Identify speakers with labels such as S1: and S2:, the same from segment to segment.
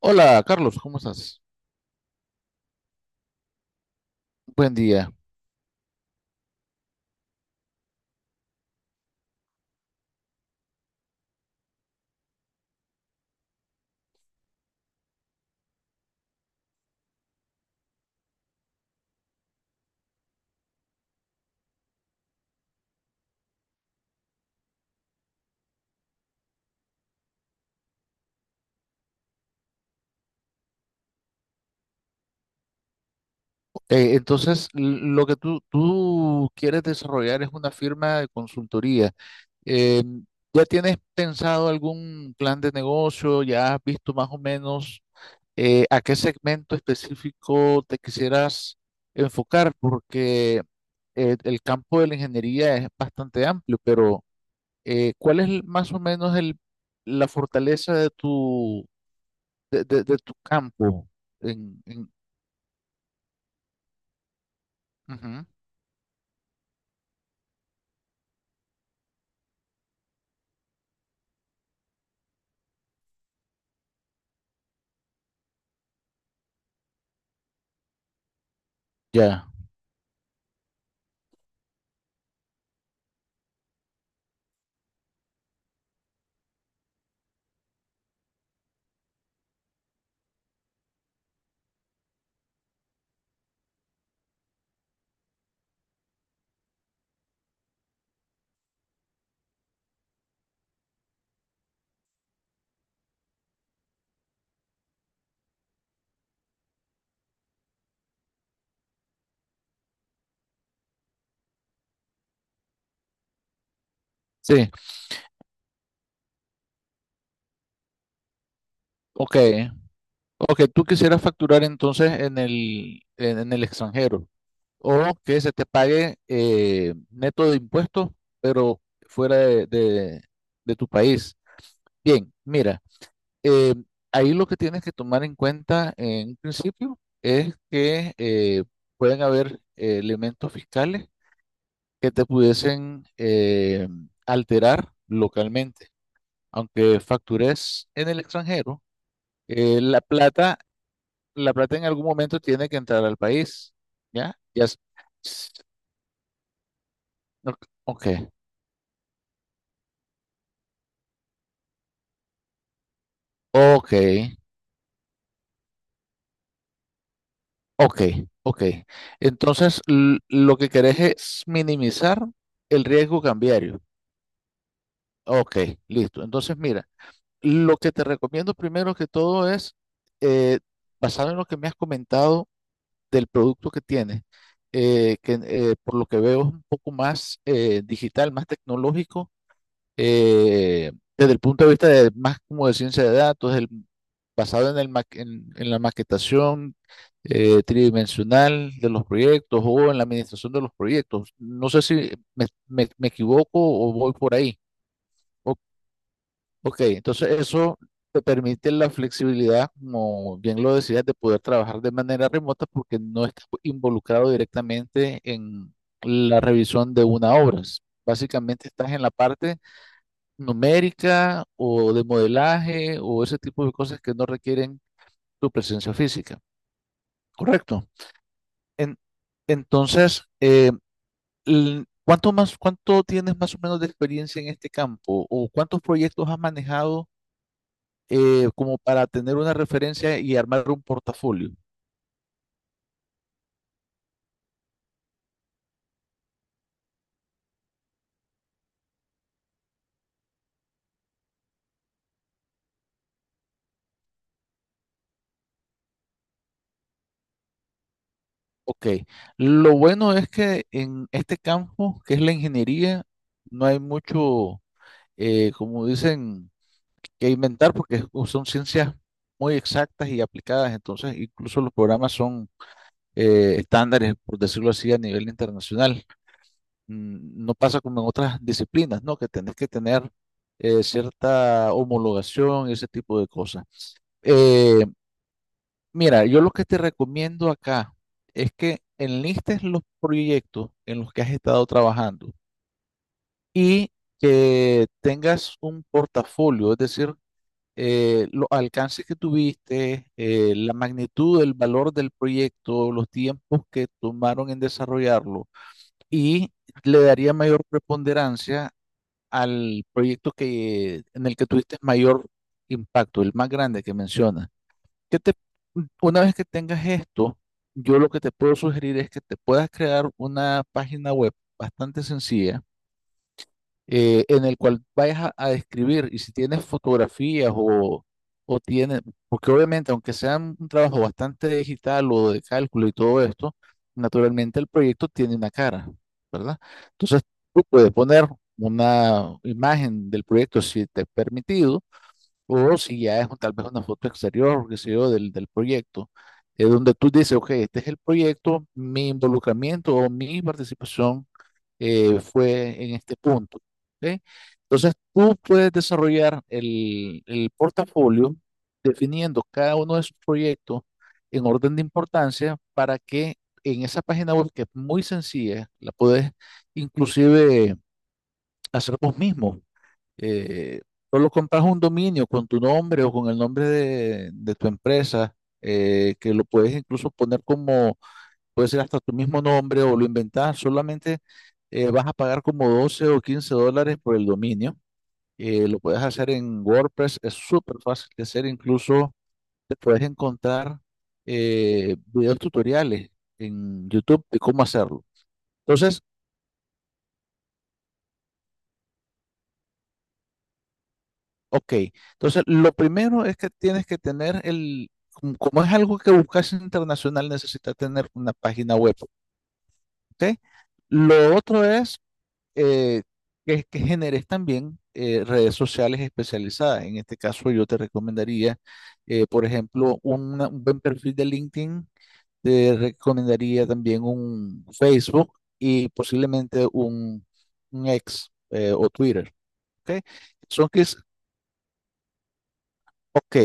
S1: Hola, Carlos, ¿cómo estás? Buen día. Entonces, lo que tú quieres desarrollar es una firma de consultoría. Eh, ¿Ya tienes pensado algún plan de negocio? ¿Ya has visto más o menos a qué segmento específico te quisieras enfocar? Porque el campo de la ingeniería es bastante amplio, pero ¿cuál es más o menos el, la fortaleza de tu campo? En Ujú. Ya. Sí. Ok. Ok, tú quisieras facturar entonces en el extranjero o que se te pague neto de impuestos, pero fuera de tu país. Bien, mira, eh, ahí lo que tienes que tomar en cuenta en un principio es que pueden haber elementos fiscales que te pudiesen alterar localmente. Aunque factures en el extranjero. Eh, la plata, la plata en algún momento tiene que entrar al país. ¿Ya? Ya. S- Ok, ok, ok, ok. Ok. Entonces, lo que querés es minimizar el riesgo cambiario. Ok, listo. Entonces, mira, lo que te recomiendo primero que todo es, eh, basado en lo que me has comentado del producto que tienes, que por lo que veo es un poco más digital, más tecnológico desde el punto de vista de más como de ciencia de datos, basado en, en la maquetación tridimensional de los proyectos o en la administración de los proyectos. No sé si me equivoco o voy por ahí. O- ok, entonces eso te permite la flexibilidad, como bien lo decías, de poder trabajar de manera remota porque no estás involucrado directamente en la revisión de una obra. Básicamente estás en la parte numérica o de modelaje o ese tipo de cosas que no requieren tu presencia física. Correcto. En- entonces, ¿cuánto más, cuánto tienes más o menos de experiencia en este campo o cuántos proyectos has manejado como para tener una referencia y armar un portafolio? Ok, lo bueno es que en este campo, que es la ingeniería, no hay mucho, como dicen, que inventar porque son ciencias muy exactas y aplicadas, entonces incluso los programas son estándares, por decirlo así, a nivel internacional. No pasa como en otras disciplinas, ¿no? Que tenés que tener cierta homologación y ese tipo de cosas. Eh, Mira, yo lo que te recomiendo acá es que enlistes los proyectos en los que has estado trabajando y que tengas un portafolio, es decir, los alcances que tuviste, la magnitud, el valor del proyecto, los tiempos que tomaron en desarrollarlo y le daría mayor preponderancia al proyecto que, en el que tuviste mayor impacto, el más grande que mencionas. ¿Qué te, una vez que tengas esto, yo lo que te puedo sugerir es que te puedas crear una página web bastante sencilla en el cual vayas a describir y si tienes fotografías o tienes, porque obviamente aunque sea un trabajo bastante digital o de cálculo y todo esto, naturalmente el proyecto tiene una cara, ¿verdad? Entonces tú puedes poner una imagen del proyecto si te es permitido o si ya es tal vez una foto exterior, qué sé yo, del proyecto. Es donde tú dices, ok, este es el proyecto, mi involucramiento o mi participación fue en este punto. ¿Ok? Entonces, tú puedes desarrollar el portafolio definiendo cada uno de sus proyectos en orden de importancia para que en esa página web, que es muy sencilla, la puedes inclusive hacer vos mismo. Eh, Solo compras un dominio con tu nombre o con el nombre de tu empresa, que lo puedes incluso poner como puede ser hasta tu mismo nombre o lo inventás, solamente vas a pagar como $12 o $15 por el dominio. Lo puedes hacer en WordPress, es súper fácil de hacer, incluso te puedes encontrar videos tutoriales en YouTube de cómo hacerlo. Entonces, ok, entonces lo primero es que tienes que tener el, como es algo que buscas internacional, necesitas tener una página web, ¿ok? Lo otro es eh, que generes también redes sociales especializadas. En este caso, yo te recomendaría, por ejemplo, un buen perfil de LinkedIn, te recomendaría también un Facebook y posiblemente un X o Twitter. ¿Ok? Son que es, ok.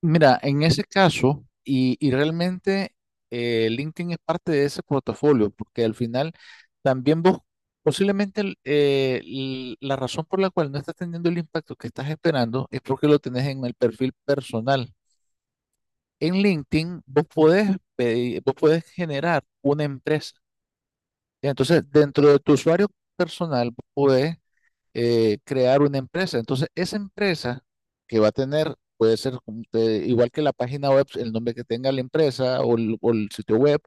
S1: Mira, en ese caso, y realmente LinkedIn es parte de ese portafolio, porque al final también vos, posiblemente la razón por la cual no estás teniendo el impacto que estás esperando es porque lo tenés en el perfil personal. En LinkedIn, vos podés generar una empresa. Entonces, dentro de tu usuario personal, vos podés crear una empresa. Entonces, esa empresa que va a tener, puede ser como igual que la página web, el nombre que tenga la empresa o el sitio web,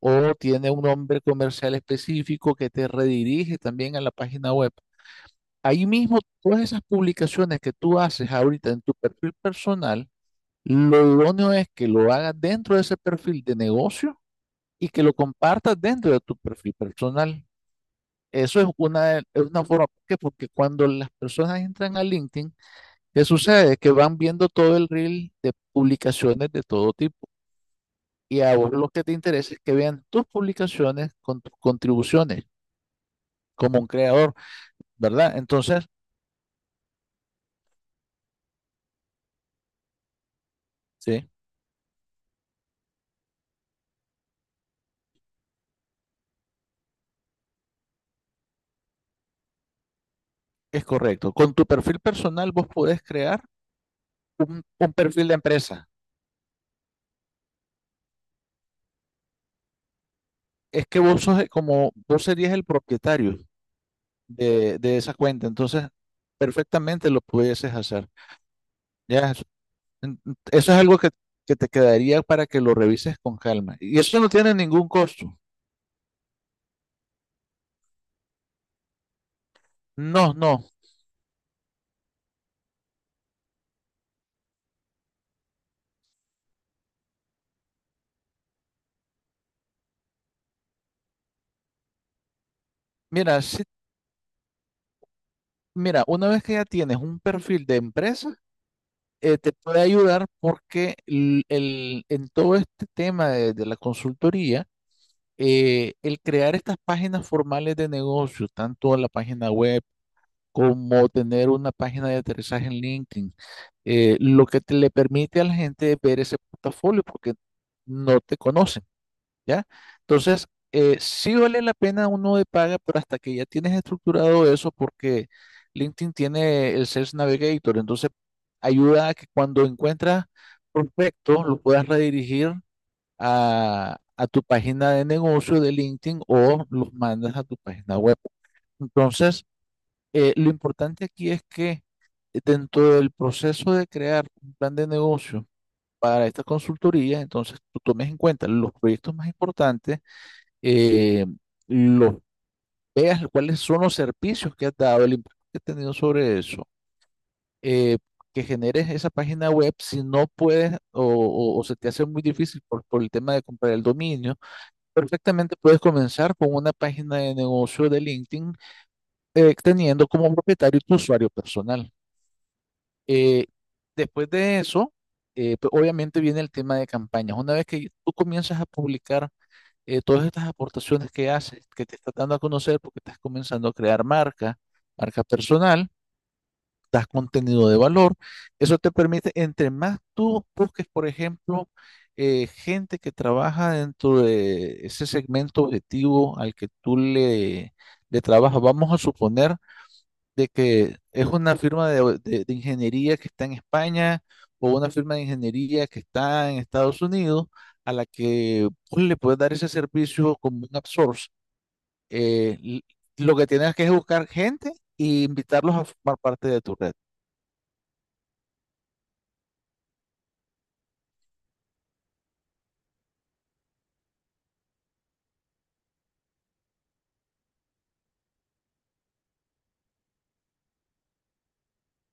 S1: o tiene un nombre comercial específico que te redirige también a la página web. Ahí mismo, todas esas publicaciones que tú haces ahorita en tu perfil personal, lo idóneo es que lo hagas dentro de ese perfil de negocio y que lo compartas dentro de tu perfil personal. Eso es una forma, ¿por qué? Porque cuando las personas entran a LinkedIn, ¿qué sucede? Que van viendo todo el reel de publicaciones de todo tipo. Y a vos lo que te interesa es que vean tus publicaciones con tus contribuciones como un creador, ¿verdad? Entonces, sí, es correcto. Con tu perfil personal vos podés crear un perfil de empresa. Es que vos sos como, vos serías el propietario de esa cuenta. Entonces, perfectamente lo pudieses hacer. Ya. En- Eso es algo que te quedaría para que lo revises con calma. Y eso no tiene ningún costo. No, no. Mira, sí, mira, una vez que ya tienes un perfil de empresa, te puede ayudar porque en todo este tema de la consultoría, el crear estas páginas formales de negocio, tanto la página web como tener una página de aterrizaje en LinkedIn, lo que te le permite a la gente ver ese portafolio porque no te conocen. ¿Ya? Entonces, sí vale la pena uno de paga, pero hasta que ya tienes estructurado eso, porque LinkedIn tiene el Sales Navigator, entonces ayuda a que cuando encuentras prospecto lo puedas redirigir a tu página de negocio de LinkedIn o los mandas a tu página web. Entonces, lo importante aquí es que dentro del proceso de crear un plan de negocio para esta consultoría, entonces tú tomes en cuenta los proyectos más importantes eh, los veas cuáles son los servicios que has dado, el impacto que has tenido sobre eso, eh, que generes esa página web si no puedes o se te hace muy difícil por el tema de comprar el dominio, perfectamente puedes comenzar con una página de negocio de LinkedIn teniendo como propietario tu usuario personal. Eh, Después de eso, pues, obviamente viene el tema de campañas. Una vez que tú comienzas a publicar todas estas aportaciones que haces, que te estás dando a conocer porque estás comenzando a crear marca, marca personal, das contenido de valor. Eso te permite, entre más tú busques, por ejemplo, gente que trabaja dentro de ese segmento objetivo al que tú le trabajas, vamos a suponer de que es una firma de ingeniería que está en España o una firma de ingeniería que está en Estados Unidos a la que pues, le puedes dar ese servicio como un outsource. Eh, l- lo que tienes que es buscar gente e invitarlos a formar parte de tu red.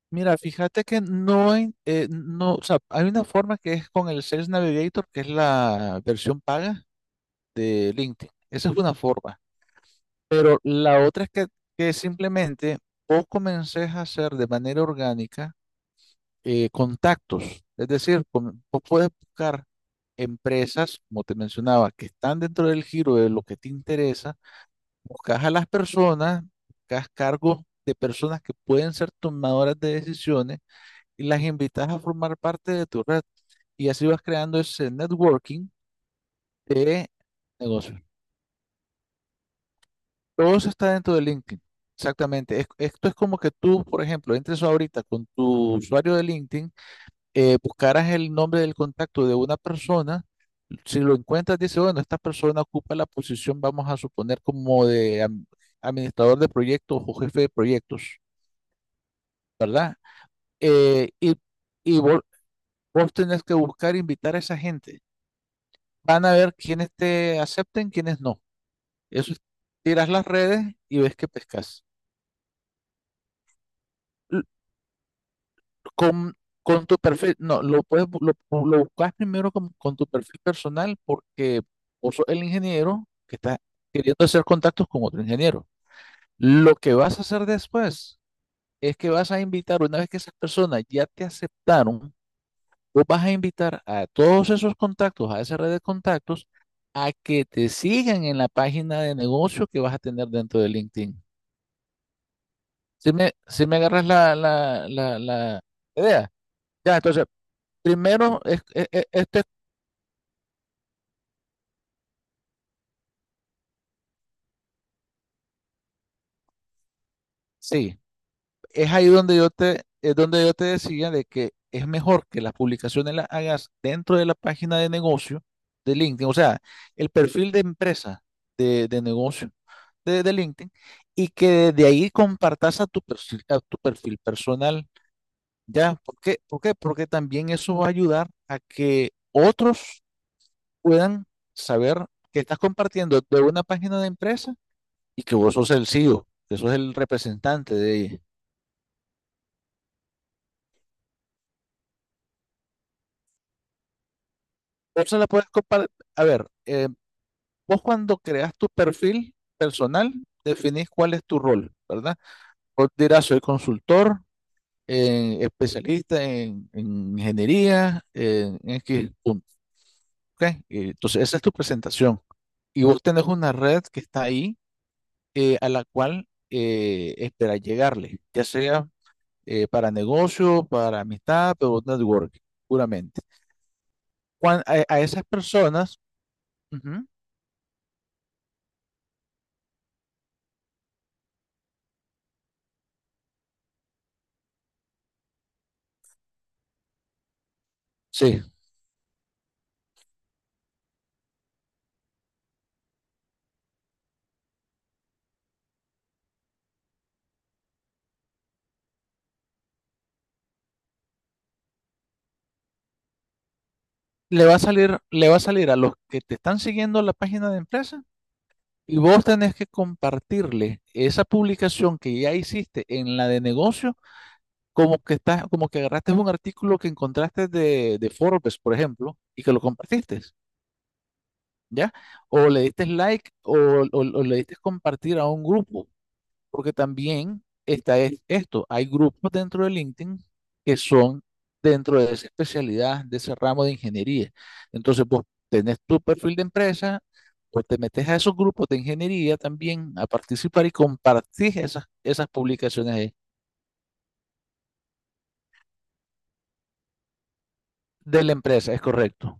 S1: Mira, fíjate que no hay, no, o sea, hay una forma que es con el Sales Navigator, que es la versión paga de LinkedIn. Esa es una forma. Pero la otra es que simplemente vos comences a hacer de manera orgánica contactos. Es decir, vos puedes buscar empresas, como te mencionaba, que están dentro del giro de lo que te interesa. Buscas a las personas, buscas cargos de personas que pueden ser tomadoras de decisiones y las invitas a formar parte de tu red. Y así vas creando ese networking de negocios. Todo eso está dentro de LinkedIn. Exactamente. Esto es como que tú, por ejemplo, entres ahorita con tu usuario de LinkedIn, buscaras el nombre del contacto de una persona. Si lo encuentras, dice, bueno, esta persona ocupa la posición, vamos a suponer, como de administrador de proyectos o jefe de proyectos, ¿verdad? Eh, y y vos, vos tenés que buscar e invitar a esa gente. Van a ver quiénes te acepten, quiénes no. Eso es, tiras las redes y ves qué pescas. con, con tu perfil, no, lo puedes, bu- lo buscas primero con tu perfil personal porque vos sos el ingeniero que está queriendo hacer contactos con otro ingeniero. Lo que vas a hacer después es que vas a invitar, una vez que esas personas ya te aceptaron, vos vas a invitar a todos esos contactos, a esa red de contactos, a que te sigan en la página de negocio que vas a tener dentro de LinkedIn. Si me agarras la idea. Ya, entonces primero, sí, es donde yo te decía de que es mejor que las publicaciones las hagas dentro de la página de negocio de LinkedIn, o sea, el perfil de empresa de negocio de LinkedIn y que de ahí compartas a tu perfil personal, ¿ya? ¿Por qué? ¿Por qué? Porque también eso va a ayudar a que otros puedan saber que estás compartiendo de una página de empresa y que vos sos el CEO que sos el representante de ella. Entonces la puedes comparar. A ver, vos cuando creas tu perfil personal, definís cuál es tu rol, ¿verdad? Vos dirás, soy consultor, especialista en ingeniería, en X punto, ¿ok? Entonces, esa es tu presentación. Y vos tenés una red que está ahí a la cual esperas llegarle, ya sea para negocio, para amistad, pero network, puramente. A esas personas, ujú, sí, le va a salir a los que te están siguiendo la página de empresa y vos tenés que compartirle esa publicación que ya hiciste en la de negocio, como que estás, como que agarraste un artículo que encontraste de Forbes, por ejemplo, y que lo compartiste, ¿ya? O le diste like o le diste compartir a un grupo. Porque también está esto, hay grupos dentro de LinkedIn que son dentro de esa especialidad, de ese ramo de ingeniería. Entonces, vos tenés tu perfil de empresa, pues te metes a esos grupos de ingeniería también a participar y compartís esas publicaciones ahí de la empresa, es correcto.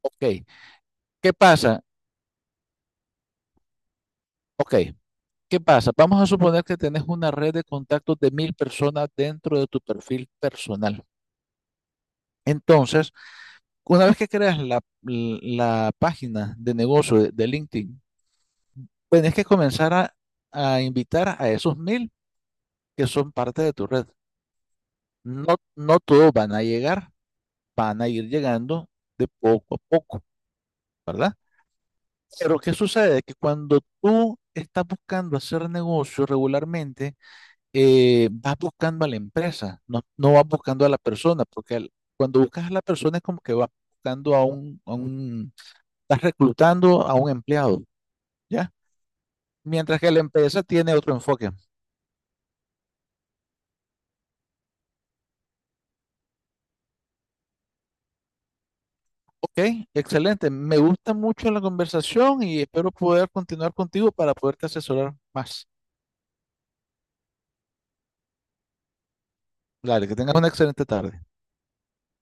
S1: Ok, ¿qué pasa? Ok, ¿qué pasa? Vamos a suponer que tenés una red de contactos de 1.000 personas dentro de tu perfil personal. Entonces, una vez que creas la página de negocio de LinkedIn, tienes que comenzar a invitar a esos 1.000 que son parte de tu red. No, no todos van a llegar, van a ir llegando de poco a poco, ¿verdad? Pero ¿qué sucede? Que cuando tú estás buscando hacer negocio regularmente, vas buscando a la empresa, no, no vas buscando a la persona, porque cuando buscas a la persona es como que vas buscando estás reclutando a un empleado, ¿ya? Mientras que la empresa tiene otro enfoque. Ok, excelente. Me gusta mucho la conversación y espero poder continuar contigo para poderte asesorar más. Dale, que tengas una excelente tarde.